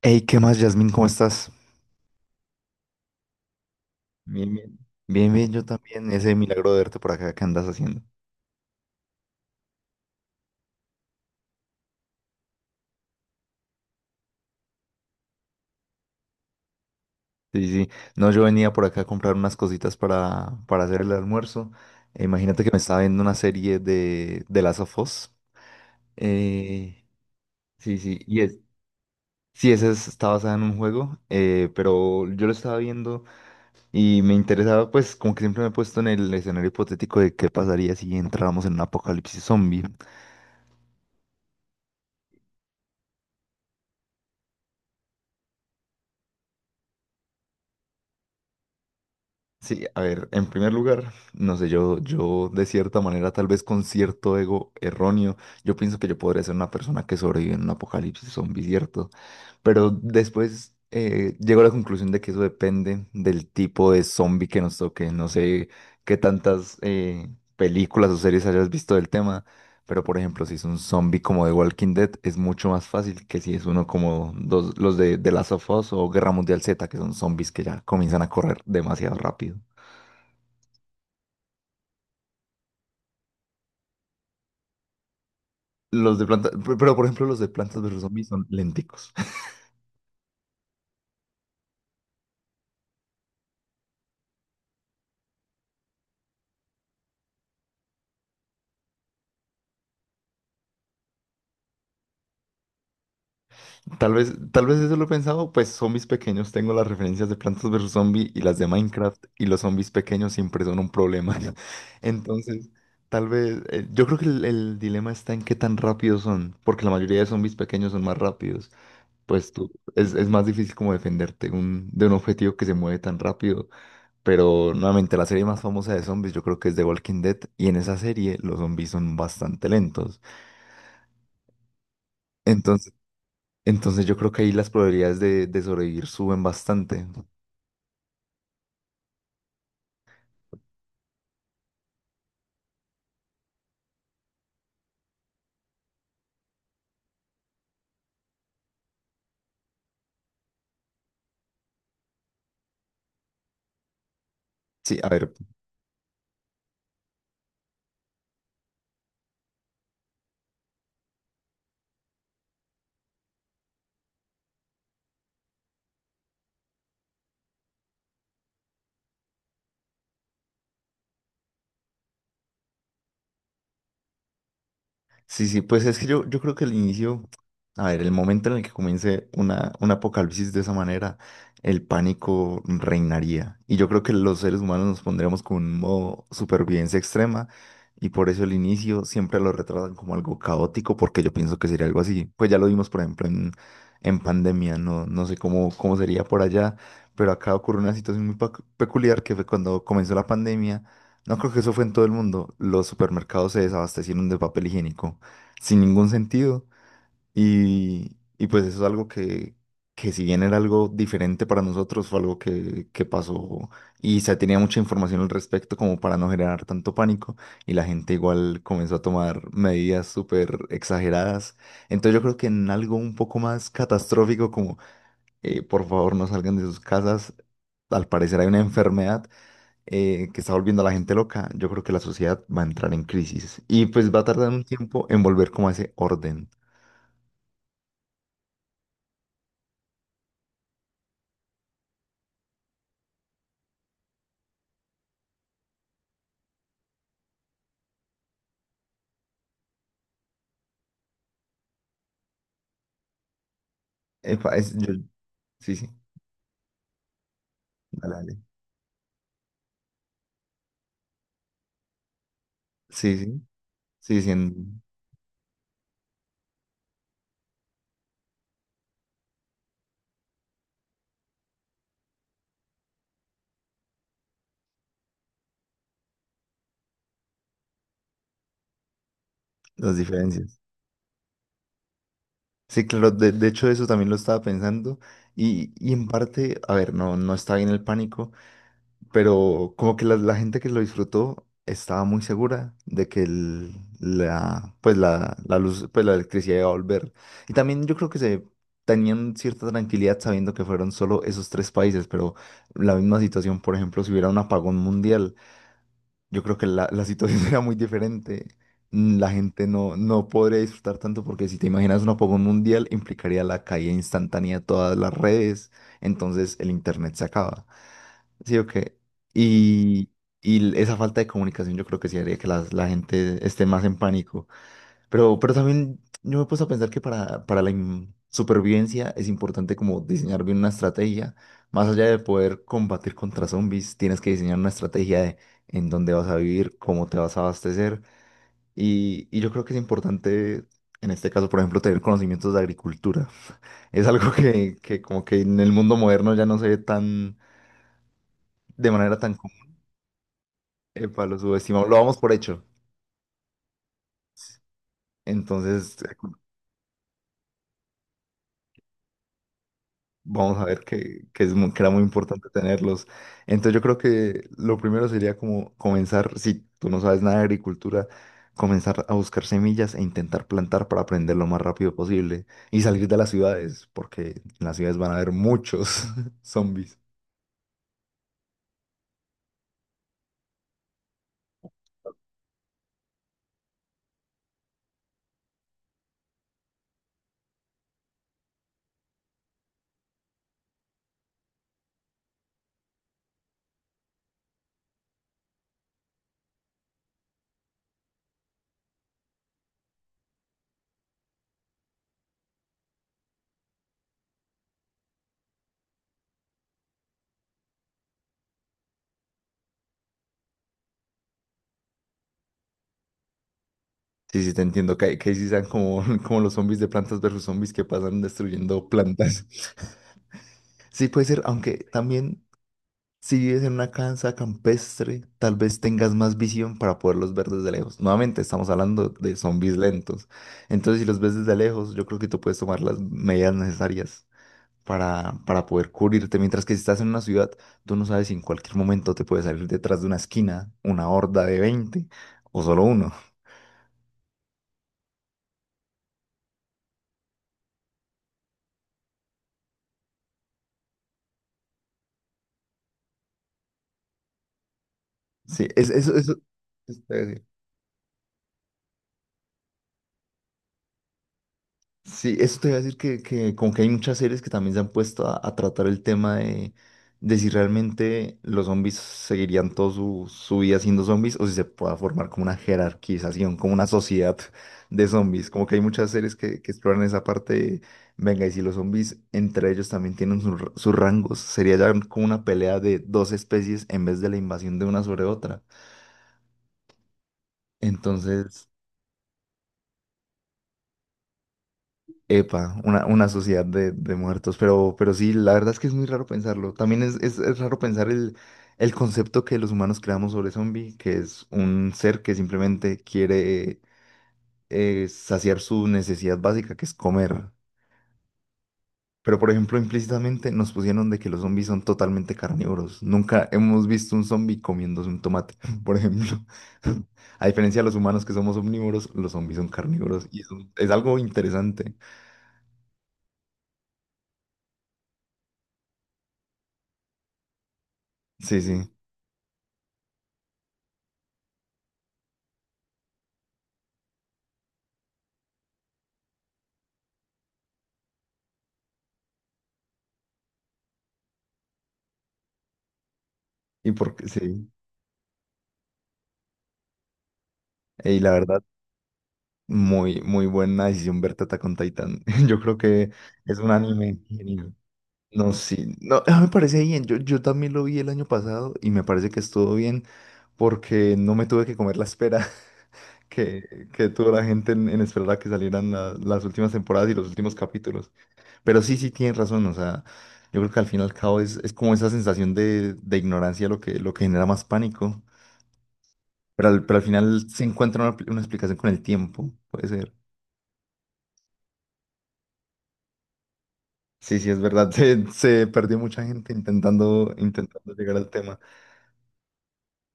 Hey, ¿qué más, Yasmín? ¿Cómo estás? Bien, bien. Bien, bien, yo Mm. también. Ese milagro de verte por acá, ¿qué andas haciendo? Sí, sí. No, yo venía por acá a comprar unas cositas para hacer el almuerzo. Imagínate que me estaba viendo una serie de Last of Us. Eh, sí, sí. Sí, está basada en un juego, pero yo lo estaba viendo y me interesaba, pues, como que siempre me he puesto en el escenario hipotético de qué pasaría si entráramos en un apocalipsis zombie. Sí, a ver, en primer lugar, no sé, yo de cierta manera, tal vez con cierto ego erróneo, yo pienso que yo podría ser una persona que sobrevive en un apocalipsis zombie, ¿cierto? Pero después llego a la conclusión de que eso depende del tipo de zombie que nos toque. No sé qué tantas películas o series hayas visto del tema, pero por ejemplo, si es un zombie como The Walking Dead, es mucho más fácil que si es uno los de The Last of Us o Guerra Mundial Z, que son zombies que ya comienzan a correr demasiado rápido. Los de planta, pe- pero por ejemplo los de Plantas versus Zombies son lenticos. Tal vez eso lo he pensado, pues zombies pequeños tengo las referencias de Plantas versus Zombies y las de Minecraft y los zombies pequeños siempre son un problema. Entonces, tal vez, yo creo que el dilema está en qué tan rápidos son, porque la mayoría de zombies pequeños son más rápidos. Es más difícil como de un objetivo que se mueve tan rápido. Pero nuevamente, la serie más famosa de zombies yo creo que es The Walking Dead y en esa serie los zombies son bastante lentos. Entonces yo creo que ahí las probabilidades de sobrevivir suben bastante. Sí, a ver, sí, sí, pues es que yo creo que el inicio, a ver, el momento en el que comience una, un apocalipsis de esa manera, el pánico reinaría. Y yo creo que los seres humanos nos pondríamos con un modo supervivencia extrema y por eso el inicio siempre lo retratan como algo caótico porque yo pienso que sería algo así. Pues ya lo vimos, por ejemplo, en pandemia, no, no sé cómo, cómo sería por allá, pero acá ocurrió una situación muy peculiar que fue cuando comenzó la pandemia. No creo que eso fue en todo el mundo. Los supermercados se desabastecieron de papel higiénico sin ningún sentido. Y pues eso es algo que si bien era algo diferente para nosotros, fue algo que pasó y se tenía mucha información al respecto como para no generar tanto pánico y la gente igual comenzó a tomar medidas súper exageradas. Entonces yo creo que en algo un poco más catastrófico como por favor no salgan de sus casas. Al parecer hay una enfermedad que está volviendo a la gente loca, yo creo que la sociedad va a entrar en crisis y pues va a tardar un tiempo en volver como a ese orden. Epa, sí, sí, dale, dale. Sí, sí, sí, sí, en las diferencias. Sí, claro, de hecho eso también lo estaba pensando y en parte, a ver, no, no está bien el pánico, pero como que la gente que lo disfrutó estaba muy segura de la, pues la luz, pues la electricidad iba a volver. Y también yo creo que se tenían cierta tranquilidad sabiendo que fueron solo esos tres países, pero la misma situación, por ejemplo, si hubiera un apagón mundial. Yo creo que la situación será muy diferente. Mm, la gente no, no podría disfrutar tanto porque si te imaginas un apagón mundial implicaría la caída instantánea de todas las redes, entonces el internet se acaba. ¿Sí o qué? Y, y esa falta de comunicación yo creo que sí haría que la gente esté más en pánico. Pero también yo me he puesto a pensar para supervivencia es importante como diseñar bien una estrategia. Más allá de poder combatir contra zombies, tienes que diseñar una estrategia de en dónde vas a vivir, cómo te vas a abastecer. Y yo creo que es importante, en este caso, por ejemplo, tener conocimientos de agricultura. Es algo que como que en el mundo moderno ya no se ve tan, de manera tan común. Epa, lo subestimamos, lo damos por hecho. Entonces, vamos a ver es que era muy importante tenerlos. Entonces yo creo que lo primero sería como comenzar, si tú no sabes nada de agricultura, comenzar a buscar semillas e intentar plantar para aprender lo más rápido posible y salir de las ciudades, porque en las ciudades van a haber muchos zombies. Sí, sí, te entiendo, que sí sean como, como los zombies de plantas versus zombies que pasan destruyendo plantas. Sí, puede ser, aunque también si vives en una casa campestre, tal vez tengas más visión para poderlos ver desde lejos. Nuevamente, estamos hablando de zombies lentos. Entonces, si los ves desde lejos, yo creo que tú puedes tomar las medidas necesarias para poder cubrirte. Mientras que si estás en una ciudad, tú no sabes si en cualquier momento te puede salir detrás de una esquina una horda de 20 o solo uno. Sí, es, eso, eso. Sí, eso te iba a decir que como que hay muchas series que también se han puesto a tratar el tema de si realmente los zombies seguirían toda su vida siendo zombies o si se pueda formar como una jerarquización, como una sociedad de zombies. Como que hay muchas series que exploran esa parte de, venga, y si los zombies entre ellos también tienen sus rangos, sería ya como una pelea de dos especies en vez de la invasión de una sobre otra. Entonces, epa, una sociedad de muertos, pero sí, la verdad es que es muy raro pensarlo. También es raro pensar el concepto que los humanos creamos sobre zombie, que es un ser que simplemente quiere saciar su necesidad básica, que es comer. Pero, por ejemplo, implícitamente nos pusieron de que los zombies son totalmente carnívoros. Nunca hemos visto un zombie comiéndose un tomate, por ejemplo. A diferencia de los humanos que somos omnívoros, los zombies son carnívoros y eso es algo interesante. Sí, sí. Y porque sí. Y la verdad, muy, muy buena decisión ver Attack con Titan. Yo creo que es un anime genial. No, sí, no, ah, me parece bien. Yo también lo vi el año pasado y me parece que estuvo bien porque no me tuve que comer la espera que tuvo la gente en esperar a que salieran las últimas temporadas y los últimos capítulos. Pero sí, sí, tienes razón. O sea, yo creo que al fin y al cabo es como esa sensación de ignorancia lo que genera más pánico. Pero al final se encuentra una explicación con el tiempo, puede ser. Sí, sí, es verdad. Se perdió mucha gente intentando, intentando llegar al tema.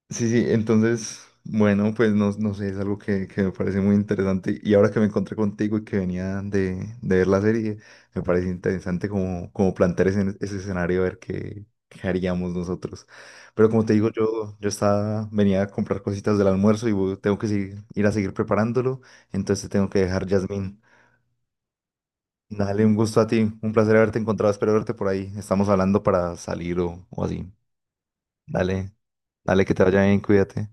Sí, sí, entonces, bueno, pues no, no sé, es algo que me parece muy interesante. Y ahora que me encontré contigo y que venía de ver la serie, me parece interesante como, como plantear ese, ese escenario, a ver qué, qué haríamos nosotros. Pero como te digo, yo estaba, venía a comprar cositas del almuerzo y tengo que ir a seguir preparándolo. Entonces te tengo que dejar, Yasmín. Dale, un gusto a ti. Un placer haberte encontrado. Espero verte por ahí. Estamos hablando para salir o así. Dale, dale, que te vaya bien, cuídate.